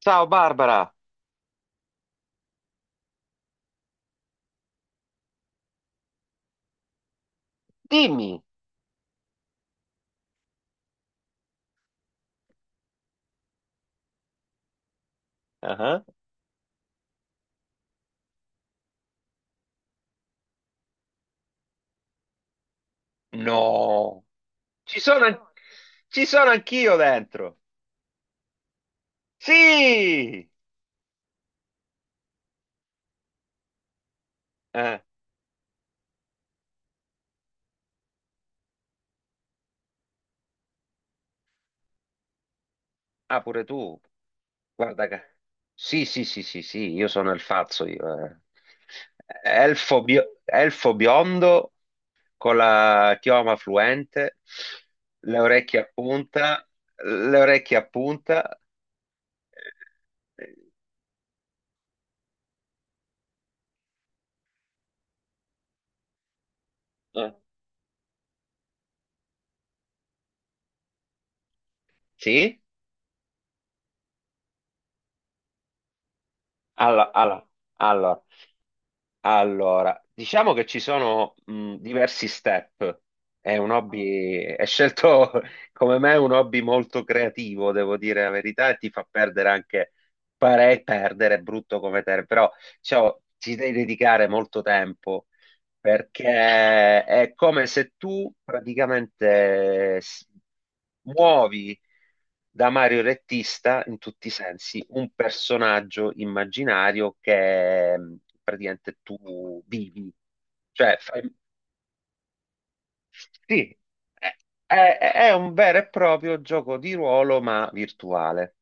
Ciao Barbara, dimmi. Ah, no, ci sono, ci sono anch'io dentro. Sì. Eh, Ah, pure tu. Guarda che... Sì, sì, sì, sì, sì, io sono il fazzo, io. Elfo, elfo biondo con la chioma fluente, le orecchie a punta, le orecchie a punta. Eh, eh, Sì? Allora, allora, Allora, diciamo che ci sono diversi step. È un hobby, è scelto come me un hobby molto creativo, devo dire la verità, e ti fa perdere anche, pare perdere, è brutto come termine, però diciamo, ci devi dedicare molto tempo perché è come se tu praticamente muovi da Mario Rettista in tutti i sensi un personaggio immaginario che praticamente tu vivi. Cioè, fai- sì, è, è- è un vero e proprio gioco di ruolo, ma virtuale.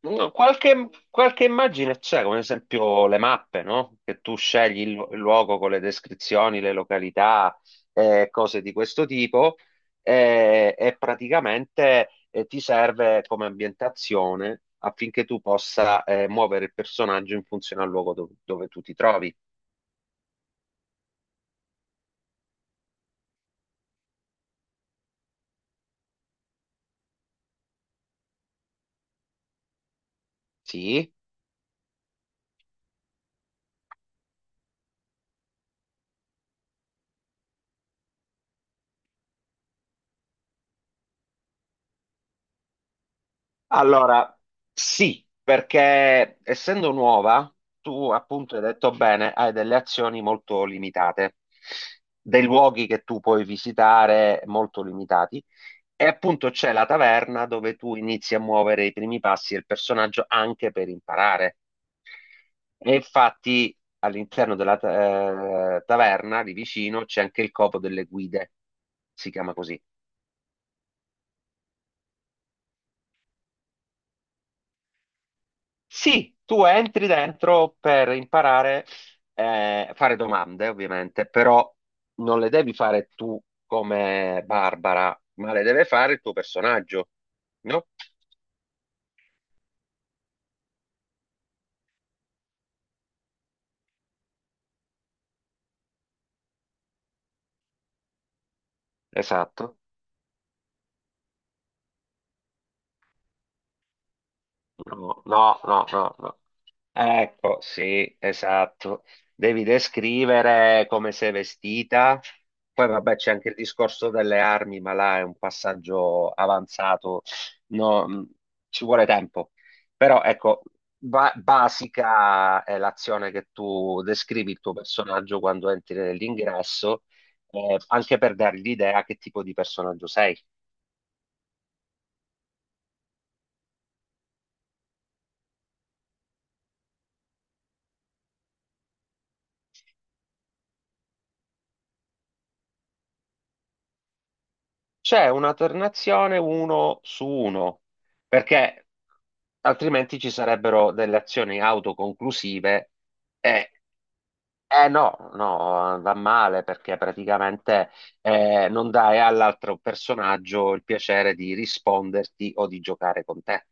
No, qualche, qualche immagine c'è, come ad esempio le mappe, no? Che tu scegli il luogo con le descrizioni, le località, cose di questo tipo, e praticamente ti serve come ambientazione affinché tu possa muovere il personaggio in funzione al luogo dove tu ti trovi. Sì? Allora, sì, perché essendo nuova, tu appunto hai detto bene, hai delle azioni molto limitate, dei luoghi che tu puoi visitare molto limitati. E appunto c'è la taverna dove tu inizi a muovere i primi passi del personaggio anche per imparare. E infatti all'interno della taverna lì vicino c'è anche il copo delle guide, si chiama così. Sì, tu entri dentro per imparare a fare domande, ovviamente, però non le devi fare tu come Barbara, ma le deve fare il tuo personaggio, no? Esatto. No, no, no, no, no. Ecco, sì, esatto. Devi descrivere come sei vestita. Poi vabbè, c'è anche il discorso delle armi, ma là è un passaggio avanzato. No, ci vuole tempo. Però ecco, basica è l'azione che tu descrivi il tuo personaggio quando entri nell'ingresso, anche per dargli l'idea che tipo di personaggio sei. C'è un'alternazione uno su uno, perché altrimenti ci sarebbero delle azioni autoconclusive e eh no, no, va male perché praticamente non dai all'altro personaggio il piacere di risponderti o di giocare con te.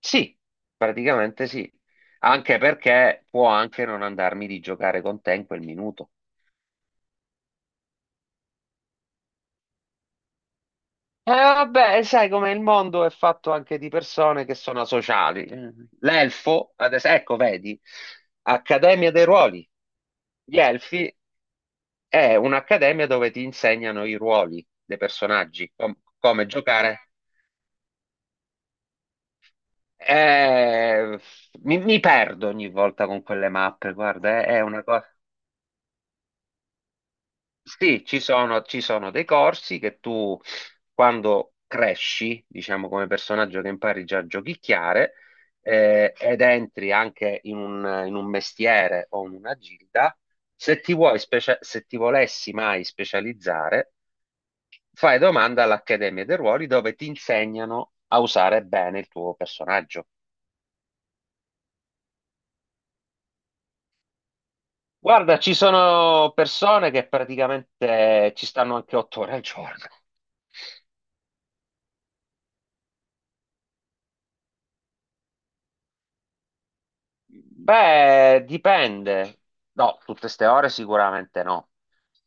Sì, praticamente sì, anche perché può anche non andarmi di giocare con te in quel minuto. Vabbè, sai come il mondo è fatto anche di persone che sono asociali. L'elfo, adesso, ecco, vedi, Accademia dei Ruoli. Gli elfi è un'accademia dove ti insegnano i ruoli dei personaggi, come giocare. Eh, mi perdo ogni volta con quelle mappe, guarda, è una cosa. Sì, ci sono dei corsi che tu quando cresci, diciamo come personaggio che impari già a giochicchiare, ed entri anche in in un mestiere o in una gilda, se ti vuoi se ti volessi mai specializzare, fai domanda all'Accademia dei Ruoli dove ti insegnano a usare bene il tuo personaggio. Guarda, ci sono persone che praticamente ci stanno anche 8 ore al giorno. Beh, dipende. No, tutte ste ore sicuramente no.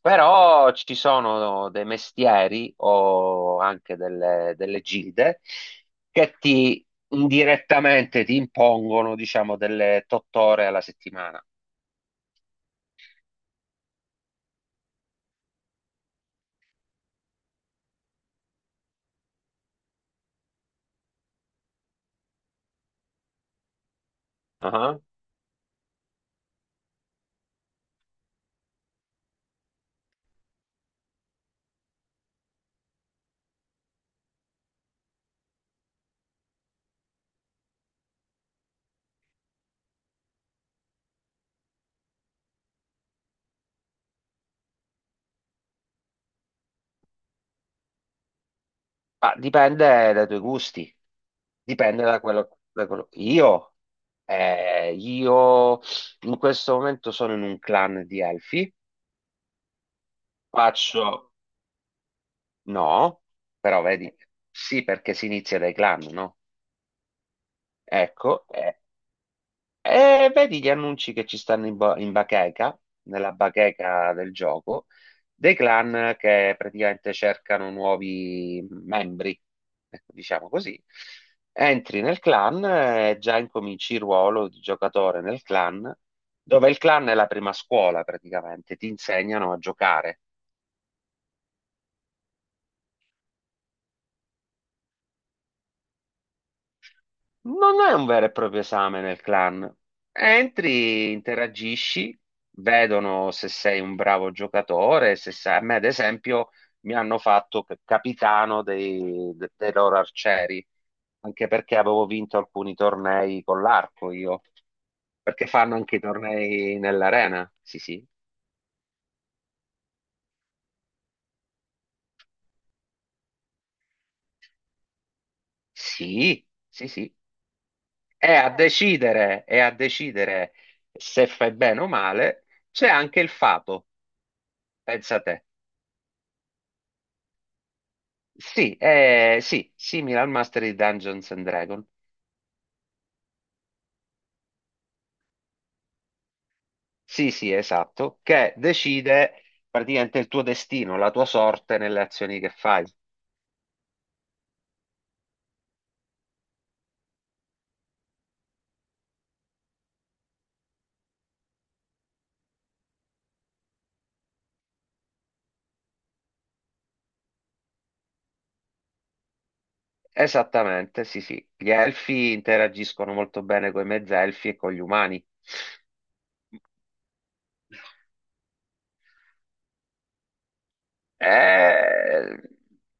Però ci sono dei mestieri o anche delle, delle gilde che ti indirettamente ti impongono, diciamo, delle tot ore alla settimana. Ah. Ma dipende dai tuoi gusti, dipende da quello, io in questo momento sono in un clan di elfi, faccio. No, però vedi, sì perché si inizia dai clan, no? Ecco, e vedi gli annunci che ci stanno in bacheca, nella bacheca del gioco, dei clan che praticamente cercano nuovi membri, ecco, diciamo così. Entri nel clan e già incominci il ruolo di giocatore nel clan, dove il clan è la prima scuola praticamente, ti insegnano a giocare. Non è un vero e proprio esame nel clan. Entri, interagisci, vedono se sei un bravo giocatore, se sai... A me, ad esempio, mi hanno fatto capitano dei loro arcieri, anche perché avevo vinto alcuni tornei con l'arco io, perché fanno anche i tornei nell'arena. Sì, sì. Sì, sì, sì. E a decidere se fai bene o male, c'è anche il fato, pensa te. Sì, sì, simile al master di Dungeons and Dragon. Sì, sì, esatto, che decide praticamente il tuo destino, la tua sorte nelle azioni che fai. Esattamente, sì, sì. Gli elfi interagiscono molto bene con i mezzelfi e con gli umani. Eh,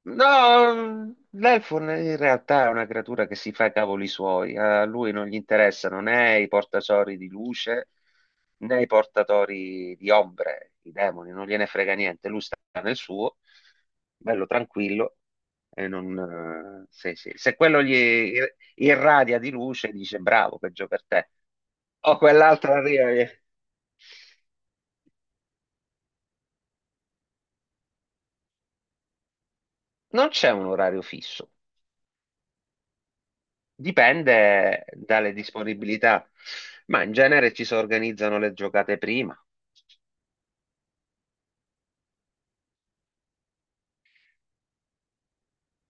no, l'elfo in realtà è una creatura che si fa i cavoli suoi, a lui non gli interessano né i portasori di luce né i portatori di ombre, i demoni, non gliene frega niente, lui sta nel suo, bello tranquillo, e non, sì, sì. Se quello gli irradia di luce, dice bravo, peggio per te. O quell'altro arriva e- Non c'è un orario fisso, dipende dalle disponibilità, ma in genere ci si organizzano le giocate prima,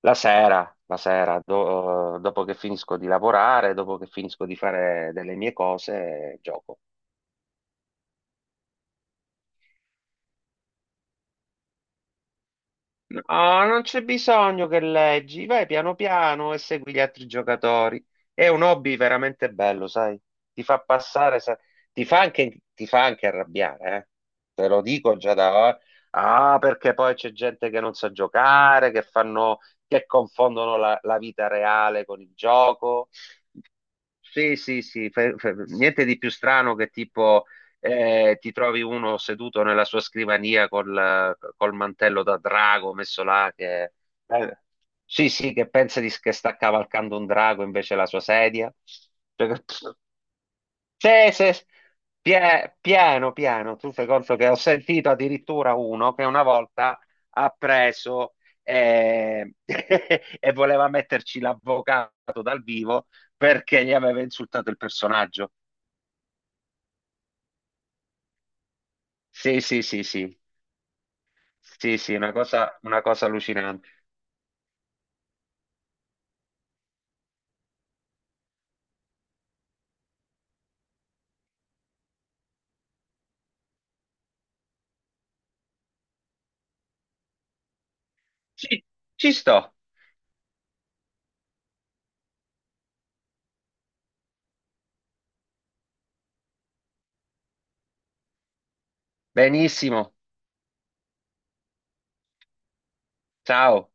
la sera dopo che finisco di lavorare, dopo che finisco di fare delle mie cose, gioco. No, non c'è bisogno che leggi, vai piano piano e segui gli altri giocatori. È un hobby veramente bello, sai? Ti fa passare, ti fa anche arrabbiare, eh. Te lo dico già da ora. Ah, perché poi c'è gente che non sa giocare, che fanno, che confondono la vita reale con il gioco. Sì, sì, sì, niente di più strano che tipo ti trovi uno seduto nella sua scrivania col mantello da drago messo là che, eh, sì, sì, che che sta cavalcando un drago invece è la sua sedia. Cioè, se- se- piano, piano, tu fai conto che ho sentito addirittura uno che una volta ha preso e voleva metterci l'avvocato dal vivo perché gli aveva insultato il personaggio. Sì, sì, sì, sì. Sì, sì, una cosa allucinante. Sì, ci sto. Benissimo. Ciao.